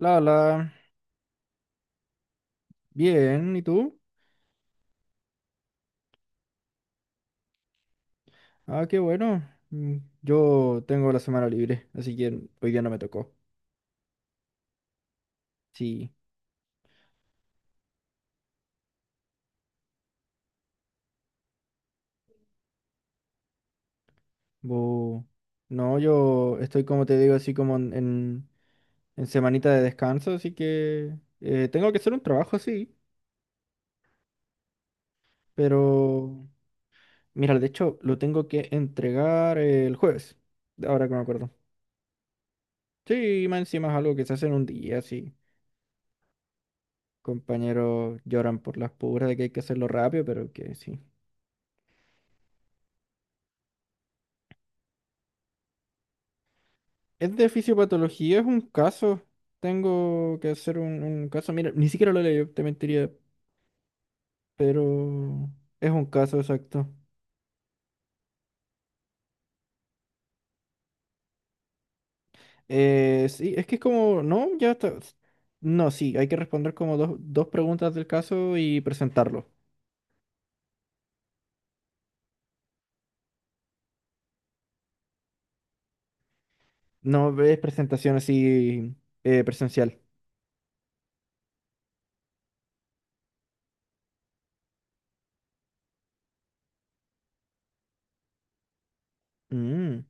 La, bien, ¿y tú? Ah, qué bueno. Yo tengo la semana libre, así que hoy día no me tocó. Sí, bo- no, yo estoy como te digo, así como en semanita de descanso, así que tengo que hacer un trabajo, sí, pero mira, de hecho lo tengo que entregar el jueves, ahora que me acuerdo. Sí, más encima es algo que se hace en un día, sí. Compañeros lloran por las puras de que hay que hacerlo rápido, pero que sí. Es de fisiopatología, es un caso. Tengo que hacer un caso. Mira, ni siquiera lo leí, te mentiría, pero es un caso exacto. Sí, es que es como, no, ya está. No, sí, hay que responder como dos preguntas del caso y presentarlo. No ves presentación así presencial. Mm,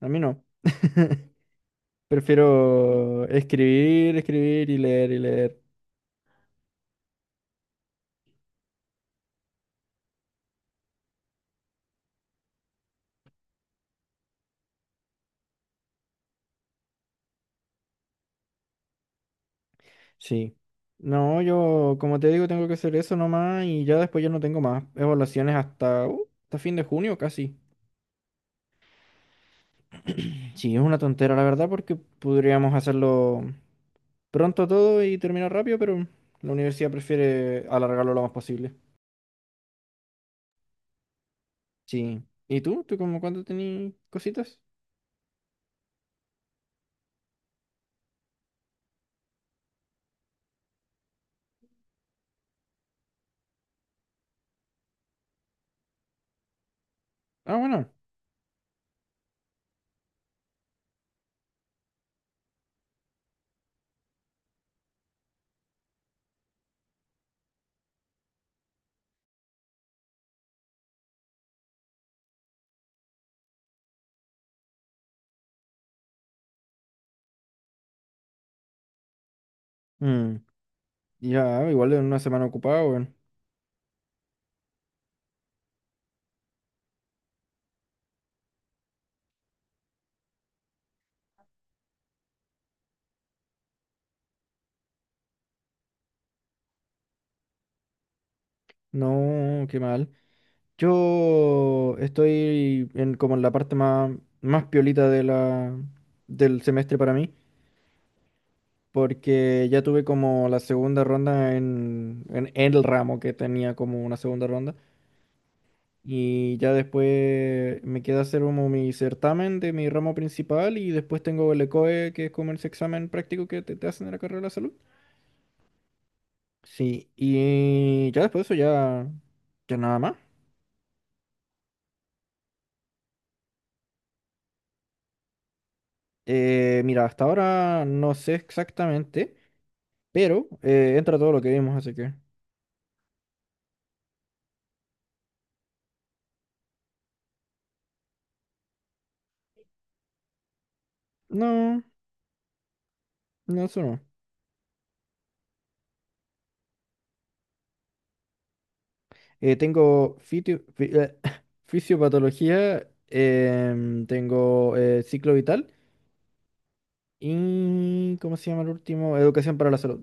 a mí no. Prefiero escribir, escribir y leer y leer. Sí. No, yo, como te digo, tengo que hacer eso nomás y ya después ya no tengo más evaluaciones hasta hasta fin de junio casi. Sí, es una tontera, la verdad, porque podríamos hacerlo pronto todo y terminar rápido, pero la universidad prefiere alargarlo lo más posible. Sí. ¿Y tú? ¿Tú como cuándo tenías cositas? Ah, bueno. Mm, ya, igual en una semana ocupada, weón. No, qué mal. Yo estoy como en la parte más piolita de del semestre para mí, porque ya tuve como la segunda ronda el ramo que tenía como una segunda ronda, y ya después me queda hacer como mi certamen de mi ramo principal, y después tengo el ECOE, que es como ese examen práctico que te hacen en la carrera de la salud. Sí, y ya después de eso ya nada más. Mira, hasta ahora no sé exactamente. Pero entra todo lo que vimos, así que. No, no, eso no. Tengo fisiopatología, tengo ciclo vital y. ¿Cómo se llama el último? Educación para la salud.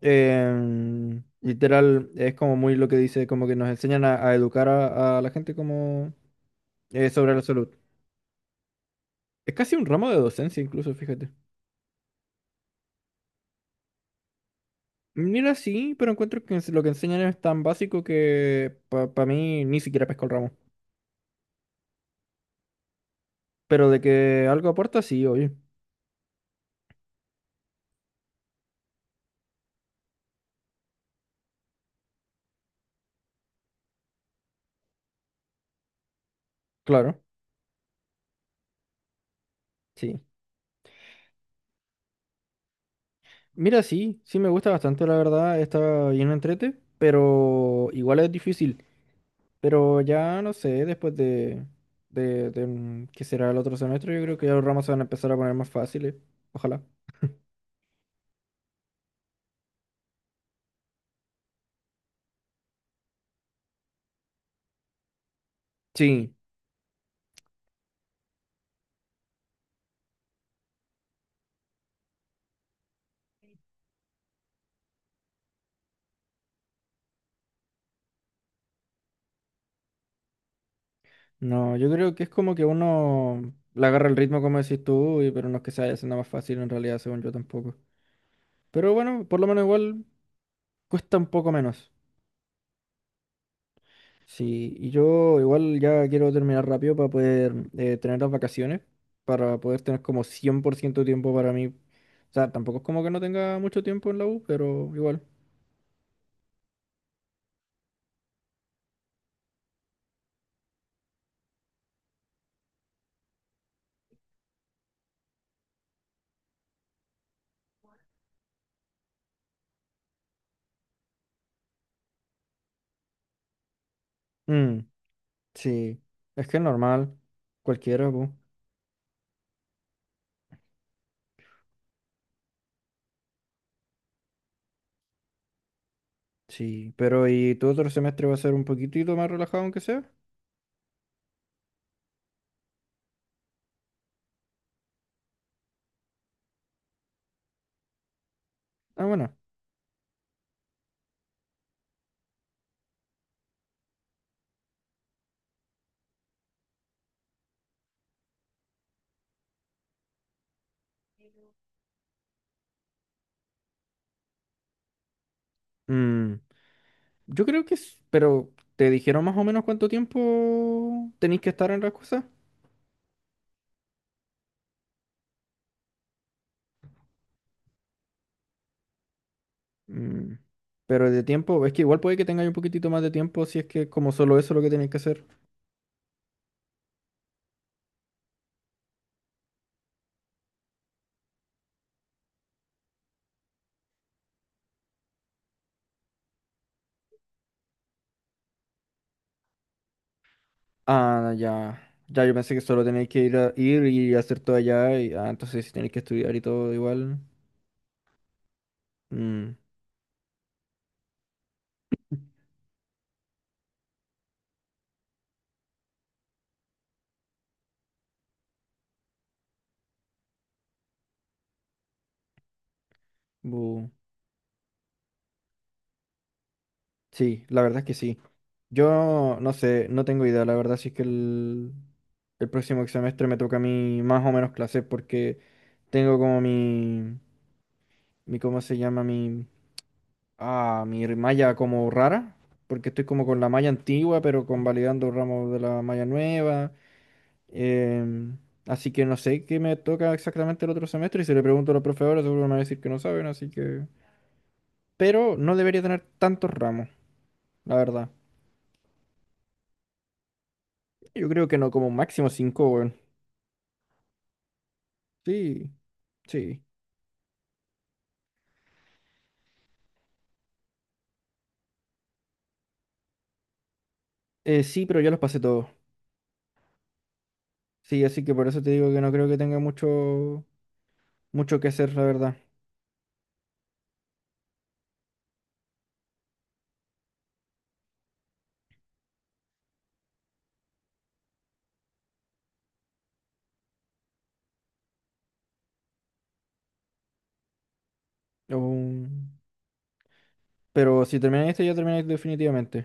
Literal, es como muy lo que dice, como que nos enseñan a educar a la gente como sobre la salud. Es casi un ramo de docencia incluso, fíjate. Mira, sí, pero encuentro que lo que enseñan es tan básico que para mí ni siquiera pesco el ramo. Pero de que algo aporta, sí, oye. Claro, sí. Mira, sí, sí me gusta bastante, la verdad. Está bien entrete, pero igual es difícil. Pero ya no sé, después de que será el otro semestre, yo creo que ya los ramos se van a empezar a poner más fáciles. Ojalá. Sí, no, yo creo que es como que uno le agarra el ritmo, como decís tú, y, pero no es que se vaya haciendo más fácil en realidad, según yo tampoco. Pero bueno, por lo menos igual cuesta un poco menos. Sí, y yo igual ya quiero terminar rápido para poder tener las vacaciones, para poder tener como 100% tiempo para mí. O sea, tampoco es como que no tenga mucho tiempo en la U, pero igual. Mm, sí, es que es normal, cualquiera, pues. Sí, pero ¿y tu otro semestre va a ser un poquitito más relajado aunque sea? Ah, bueno. Mm, yo creo que es, pero ¿te dijeron más o menos cuánto tiempo tenéis que estar en las cosas? Mm, Pero de tiempo, es que igual puede que tengáis un poquitito más de tiempo si es que es como solo eso lo que tenéis que hacer. Ah, ya. Ya, yo pensé que solo tenéis que ir, ir y hacer todo allá. Y, ah, entonces si tenéis que estudiar y todo igual. Mm, bu. Sí, la verdad es que sí. Yo no sé, no tengo idea. La verdad si es que el próximo semestre me toca a mí más o menos clases porque tengo como mi, ¿cómo se llama? A mi malla como rara, porque estoy como con la malla antigua, pero convalidando ramos de la malla nueva. em, así que no sé qué me toca exactamente el otro semestre y si le pregunto a los profesores seguro me van a decir que no saben, así que... Pero no debería tener tantos ramos, la verdad. Yo creo que no, como máximo cinco, weón. Sí, sí. Sí, pero ya los pasé todos. Sí, así que por eso te digo que no creo que tenga mucho que hacer, la verdad. Um, pero si termináis este, ya termináis definitivamente.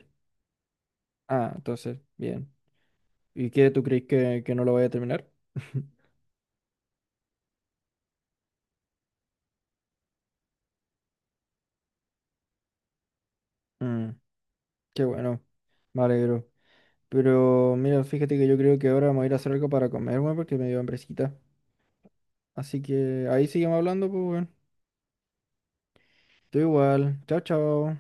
Ah, entonces, bien. ¿Y qué tú crees que no lo voy a terminar? Mm, qué bueno, me alegro. Pero mira, fíjate que yo creo que ahora me voy a ir a hacer algo para comer, weón, porque me dio hambrecita. Así que ahí seguimos hablando, pues, weón. Tú igual. Chao, chao.